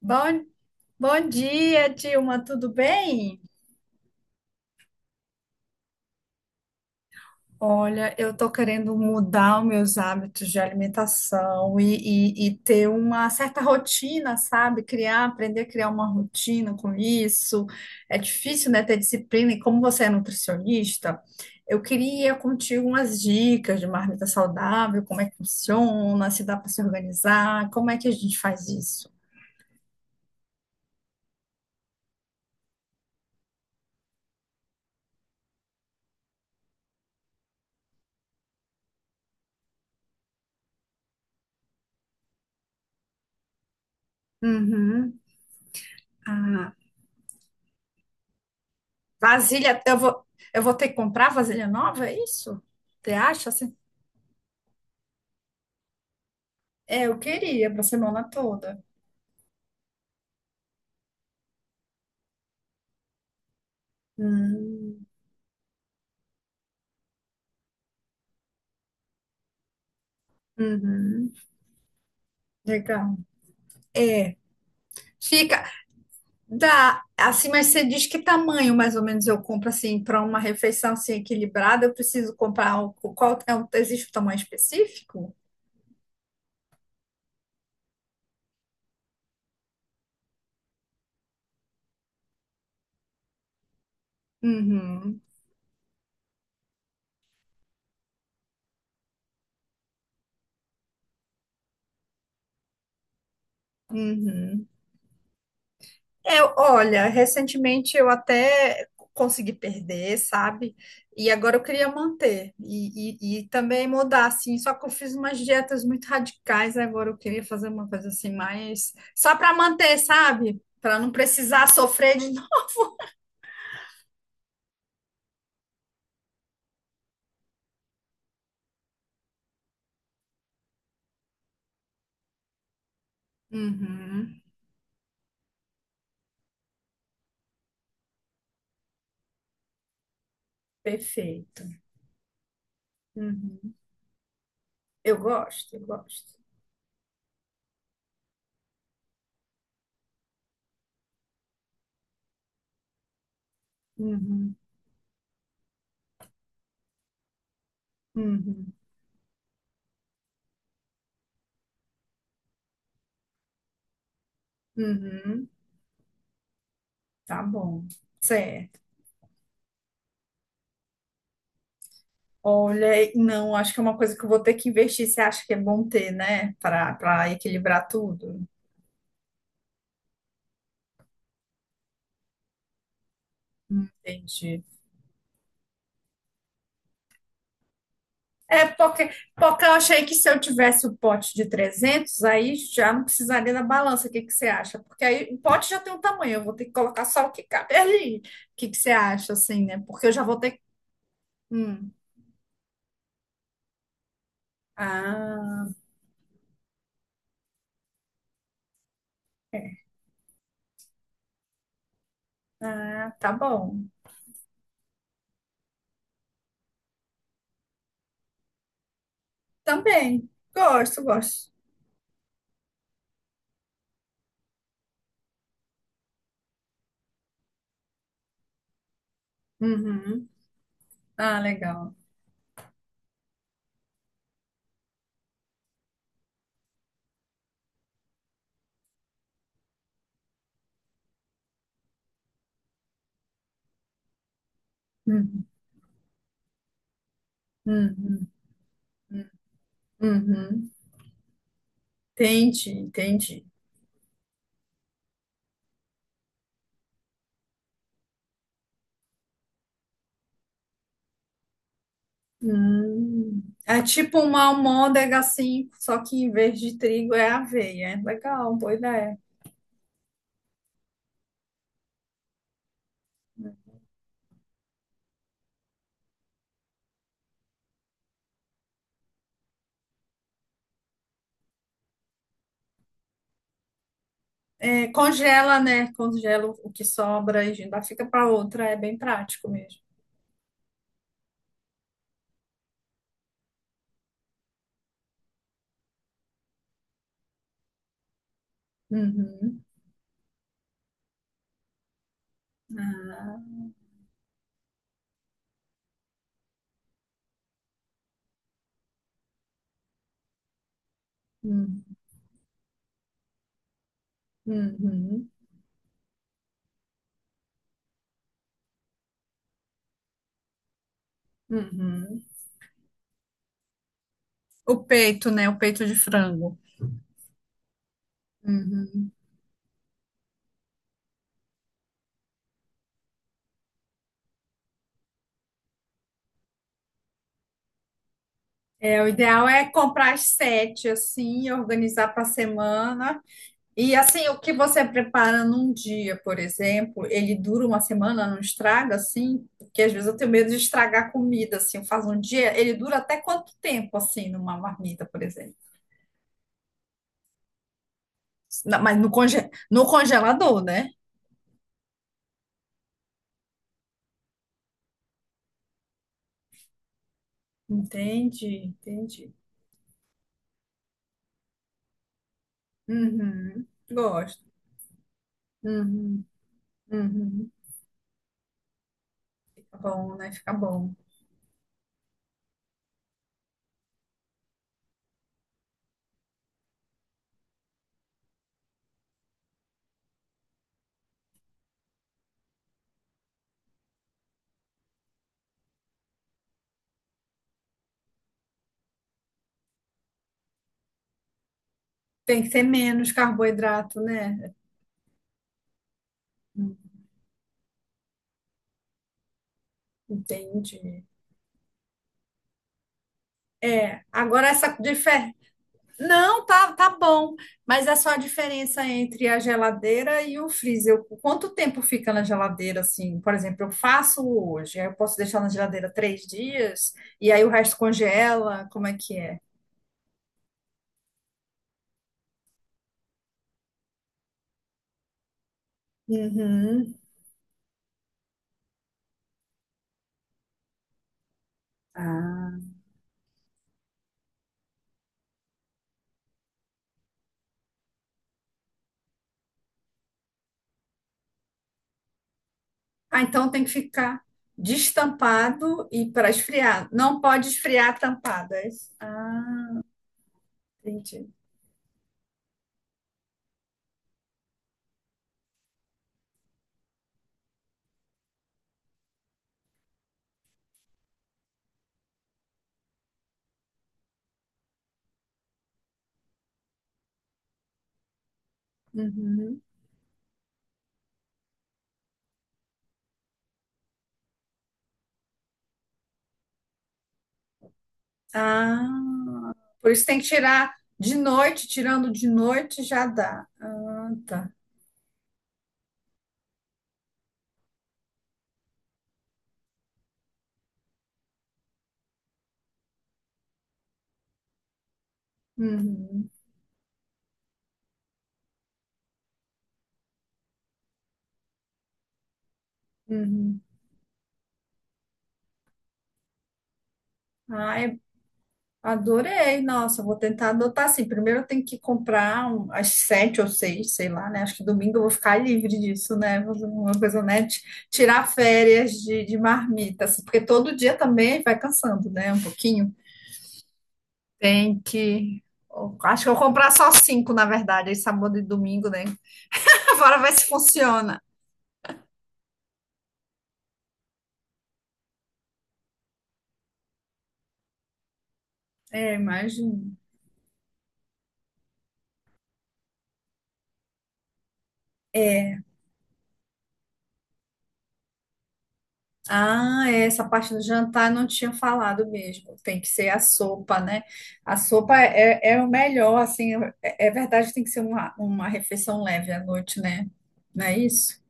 Bom, bom dia, Dilma, tudo bem? Olha, eu tô querendo mudar os meus hábitos de alimentação e ter uma certa rotina, sabe? Aprender a criar uma rotina com isso. É difícil, né, ter disciplina. E como você é nutricionista, eu queria contigo umas dicas de marmita saudável, como é que funciona, se dá para se organizar, como é que a gente faz isso? Uhum. Ah. Vasilha, eu vou ter que comprar vasilha nova, é isso? Você acha assim? É, eu queria para semana toda. Hum, uhum, legal. É, fica, dá, assim, mas você diz que tamanho mais ou menos eu compro assim para uma refeição assim equilibrada, eu preciso comprar o qual é, existe um tamanho específico? Uhum, uhum. É, olha, recentemente eu até consegui perder, sabe? E agora eu queria manter e também mudar, assim. Só que eu fiz umas dietas muito radicais, agora eu queria fazer uma coisa assim, mais só para manter, sabe? Para não precisar sofrer de novo. Uhum, perfeito. Uhum. Eu gosto, eu gosto. Uhum, uhum, uhum. Tá bom. Certo. Olha, não, acho que é uma coisa que eu vou ter que investir. Você acha que é bom ter, né? Para equilibrar tudo. Entendi. É, porque eu achei que se eu tivesse o pote de 300 aí já não precisaria da balança. O que que você acha? Porque aí o pote já tem um tamanho, eu vou ter que colocar só o que cabe ali. O que que você acha, assim, né? Porque eu já vou ter. Hum. Ah, ah, tá bom. Também. Gosto, gosto. Uhum. Ah, legal. Uhum. Uhum. Uhum. Entendi, entendi. Hum. É tipo uma almôndega assim, só que em vez de trigo é aveia. É legal, boa ideia. É, congela, né? Congela o que sobra e ainda fica para outra. É bem prático mesmo. Uhum. Ah, hum, uhum, uhum. O peito, né? O peito de frango. Uhum. É, o ideal é comprar as sete assim, organizar para a semana. E assim, o que você prepara num dia, por exemplo, ele dura uma semana, não estraga assim? Porque às vezes eu tenho medo de estragar a comida, assim, eu faço um dia, ele dura até quanto tempo, assim, numa marmita, por exemplo? Mas no no congelador, né? Entendi, entendi. Uhum, gosto. Uhum, uhum. Tá bom, né? Fica bom. Tem que ter menos carboidrato, né? Hum, entendi. É, agora essa diferença. Não, tá, tá bom. Mas é só a diferença entre a geladeira e o freezer. Quanto tempo fica na geladeira, assim? Por exemplo, eu faço hoje, aí eu posso deixar na geladeira 3 dias, e aí o resto congela. Como é que é? Uhum. Ah, Ah, então tem que ficar destampado e para esfriar. Não pode esfriar tampado, é isso? Ah, entendi. Uhum. Ah, por isso tem que tirar de noite, tirando de noite já dá. Ah, tá. Uhum, uhum. Ai, adorei. Nossa, vou tentar adotar assim. Primeiro eu tenho que comprar as sete ou seis, sei lá, né? Acho que domingo eu vou ficar livre disso, né? Vou fazer uma coisa, né? Tirar férias de marmita, assim, porque todo dia também vai cansando, né? Um pouquinho. Tem que. Eu acho que eu vou comprar só cinco, na verdade, aí sábado e domingo, né? Agora vai se funciona. É, imagino. Ah, é, essa parte do jantar eu não tinha falado mesmo. Tem que ser a sopa, né? A sopa é o melhor, assim, é, é verdade, tem que ser uma refeição leve à noite, né? Não é isso?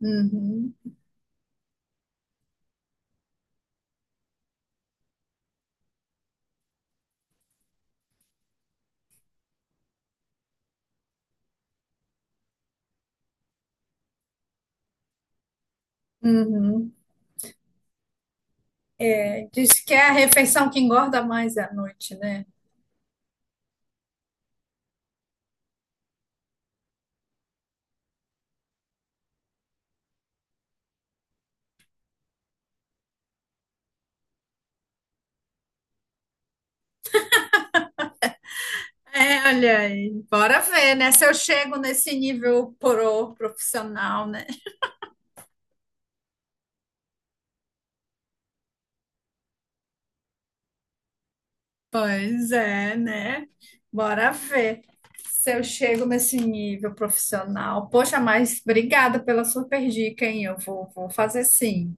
Uhum, uhum. É, diz que é a refeição que engorda mais à noite, né? É, olha aí, bora ver, né? Se eu chego nesse nível pro profissional, né? Pois é, né? Bora ver se eu chego nesse nível profissional. Poxa, mas obrigada pela super dica, hein? Eu vou, vou fazer sim.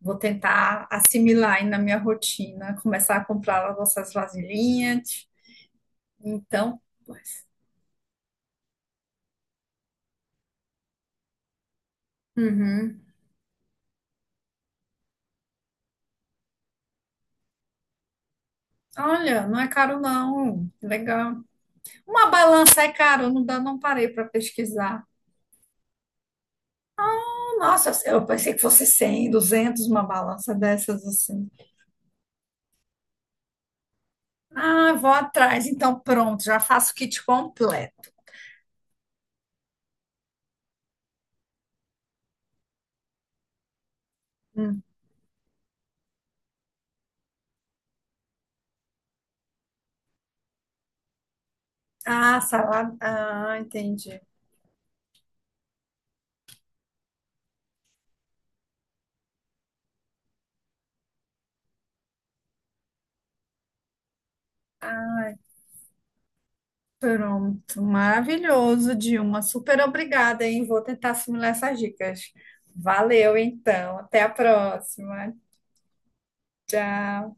Vou tentar assimilar aí na minha rotina, começar a comprar as nossas vasilhinhas. Então, pois. Uhum. Olha, não é caro não. Legal. Uma balança é caro, não dá, não parei para pesquisar. Nossa, eu pensei que fosse 100, 200, uma balança dessas assim. Ah, vou atrás. Então, pronto, já faço o kit completo. Hum. Ah, salada. Ah, entendi. Pronto, maravilhoso, Dilma. Super obrigada, hein? Vou tentar assimilar essas dicas. Valeu, então. Até a próxima. Tchau.